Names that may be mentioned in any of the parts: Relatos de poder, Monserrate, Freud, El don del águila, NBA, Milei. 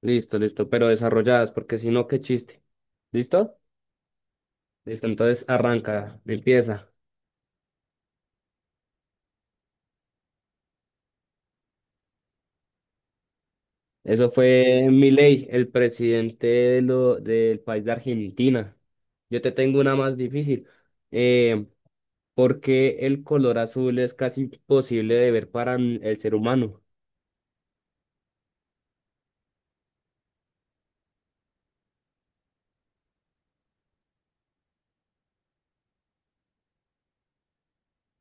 Listo, listo, pero desarrolladas, porque si no, qué chiste. ¿Listo? Listo, entonces arranca, empieza. Eso fue Milei, el presidente de lo, del país de Argentina. Yo te tengo una más difícil. Eh, ¿Por qué el color azul es casi imposible de ver para el ser humano?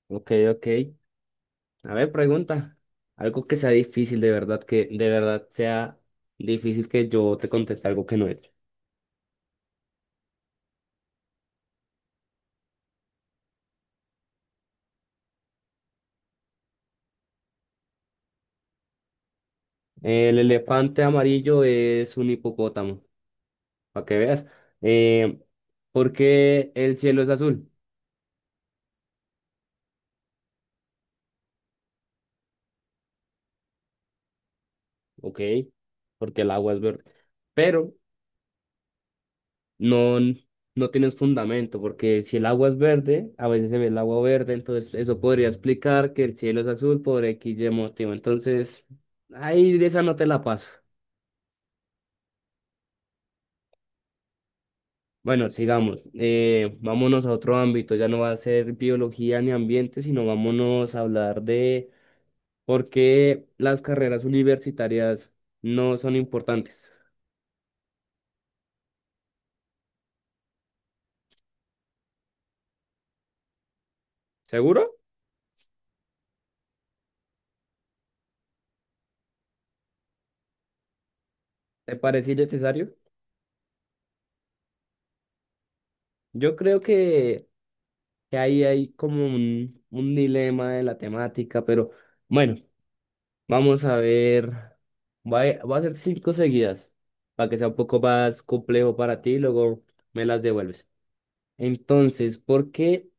Ok, ok. A ver, pregunta. Algo que sea difícil, de verdad, que de verdad sea difícil que yo te conteste algo que no es. El elefante amarillo es un hipopótamo. Para que veas. Eh, ¿Por qué el cielo es azul? Ok, porque el agua es verde. Pero no, no tienes fundamento, porque si el agua es verde, a veces se ve el agua verde, entonces eso podría explicar que el cielo es azul por X y motivo. Entonces, ahí de esa no te la paso. Bueno, sigamos. Vámonos a otro ámbito, ya no va a ser biología ni ambiente, sino vámonos a hablar de por qué las carreras universitarias no son importantes. ¿Seguro? ¿Te parece innecesario? Yo creo que ahí hay como un dilema de la temática, pero bueno, vamos a ver. Voy a hacer cinco seguidas para que sea un poco más complejo para ti y luego me las devuelves. Entonces, ¿por qué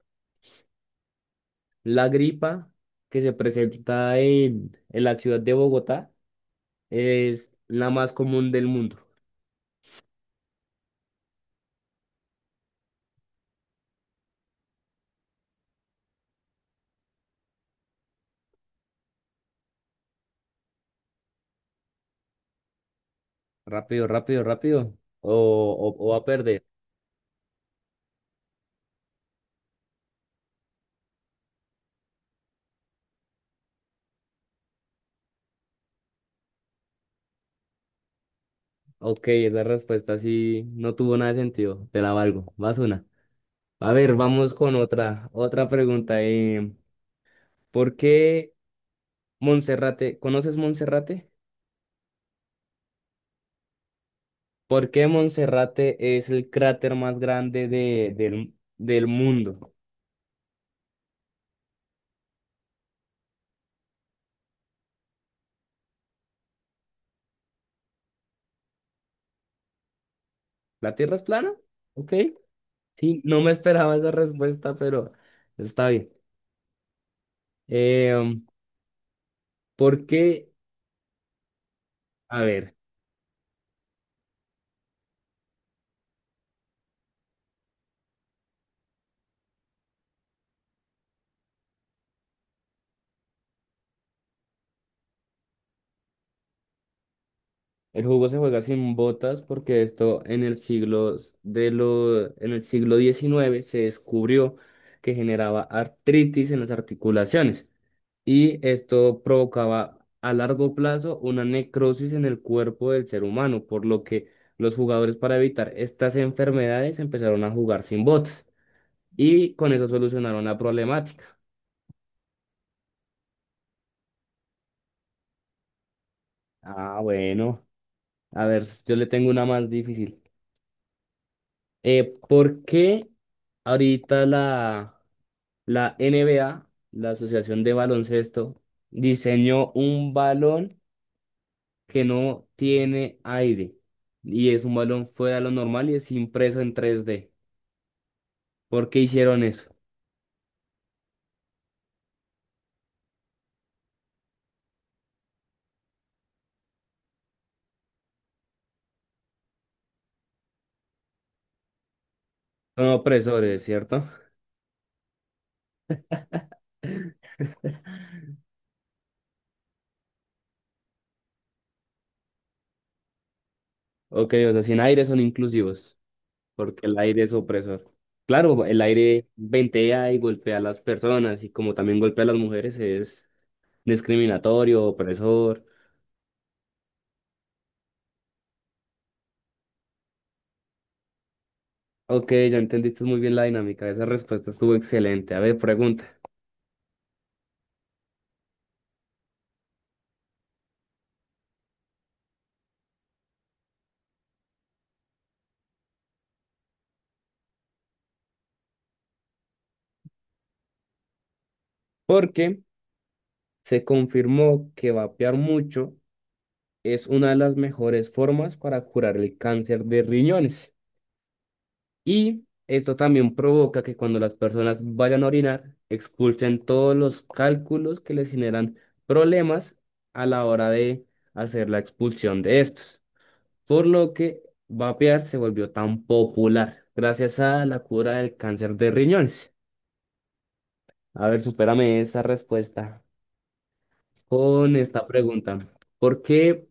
la gripa que se presenta en la ciudad de Bogotá es la más común del mundo? Rápido, rápido, rápido. O va a perder. Ok, esa respuesta sí no tuvo nada de sentido. Te la valgo. Vas una. A ver, vamos con otra, otra pregunta. ¿Por qué Monserrate? ¿Conoces Monserrate? ¿Por qué Monserrate es el cráter más grande de, del mundo? ¿La Tierra es plana? Ok. Sí, no me esperaba esa respuesta, pero está bien. Eh, por qué? A ver. El juego se juega sin botas porque esto en el siglo s- de lo, en el siglo XIX se descubrió que generaba artritis en las articulaciones y esto provocaba a largo plazo una necrosis en el cuerpo del ser humano, por lo que los jugadores para evitar estas enfermedades empezaron a jugar sin botas y con eso solucionaron la problemática. Ah, bueno, a ver, yo le tengo una más difícil. ¿Por qué ahorita la NBA, la Asociación de Baloncesto, diseñó un balón que no tiene aire y es un balón fuera de lo normal y es impreso en tres d. ¿Por qué hicieron eso? Son opresores, ¿cierto? Ok, o sea, sin aire son inclusivos, porque el aire es opresor. Claro, el aire ventea y golpea a las personas y como también golpea a las mujeres es discriminatorio, opresor. Ok, ya entendiste muy bien la dinámica, esa respuesta estuvo excelente. A ver, porque se confirmó que vapear mucho es una de las mejores formas para curar el cáncer de riñones. Y esto también provoca que cuando las personas vayan a orinar, expulsen todos los cálculos que les generan problemas a la hora de hacer la expulsión de estos. Por lo que vapear se volvió tan popular gracias a la cura del cáncer de riñones. A ver, supérame esa respuesta con esta pregunta. ¿Por qué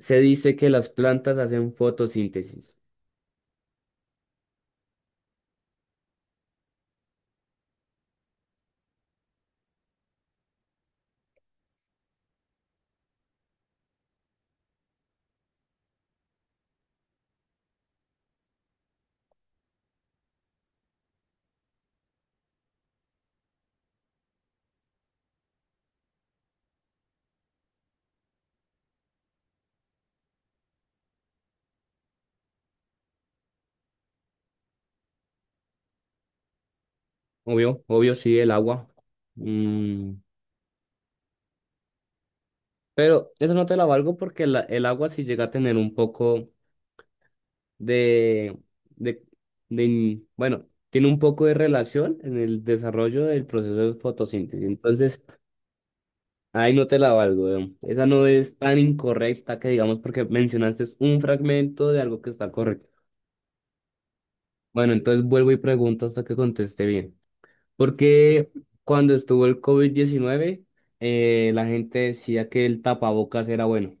se dice que las plantas hacen fotosíntesis? Obvio, obvio, sí, el agua. Mm, pero eso no te la valgo porque el agua sí llega a tener un poco de, de, de bueno, tiene un poco de relación en el desarrollo del proceso de fotosíntesis. Entonces, ahí no te la valgo, weón. Esa no es tan incorrecta que digamos porque mencionaste un fragmento de algo que está correcto. Bueno, entonces vuelvo y pregunto hasta que conteste bien. Porque cuando estuvo el covid 19 la gente decía que el tapabocas era bueno.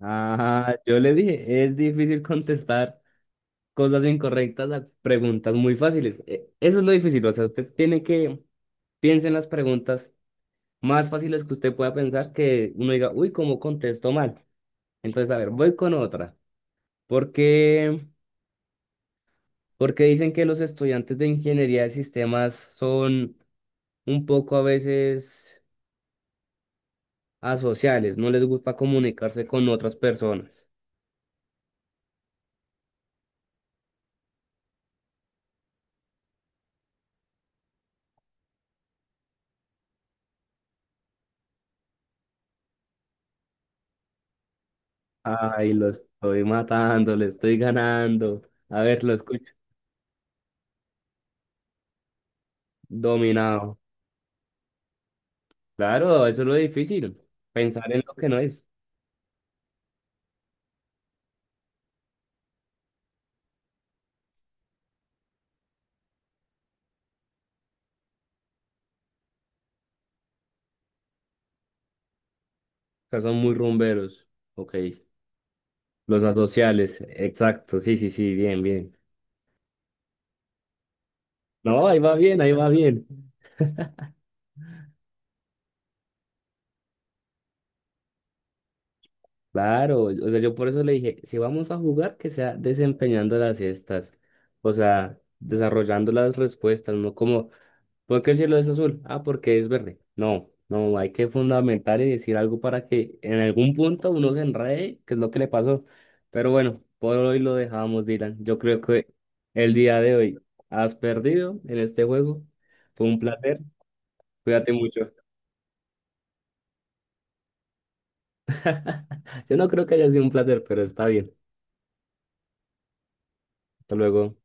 Ah, yo le dije, es difícil contestar cosas incorrectas a preguntas muy fáciles. Eso es lo difícil, o sea, usted tiene que piense en las preguntas más fáciles que usted pueda pensar que uno diga, uy, ¿cómo contesto mal? Entonces, a ver, voy con otra. ¿Por qué? Porque dicen que los estudiantes de ingeniería de sistemas son un poco a veces asociales, no les gusta comunicarse con otras personas. Ay, lo estoy matando, le estoy ganando. A ver, lo escucho. Dominado. Claro, eso es lo difícil. Pensar en lo que no es. O sea, son muy rumberos. Ok. Los asociales. Exacto. Sí, sí, sí. Bien, bien. No, ahí va bien, ahí va bien. Claro. O sea, yo por eso le dije, si vamos a jugar, que sea desempeñando las cestas. O sea, desarrollando las respuestas, no como ¿por qué el cielo es azul? Ah, porque es verde. No, no, hay que fundamentar y decir algo para que en algún punto uno se enrede, que es lo que le pasó. Pero bueno, por hoy lo dejamos, Dylan. Yo creo que el día de hoy has perdido en este juego. Fue un placer. Cuídate mucho. Yo no creo que haya sido un placer, pero está bien. Hasta luego.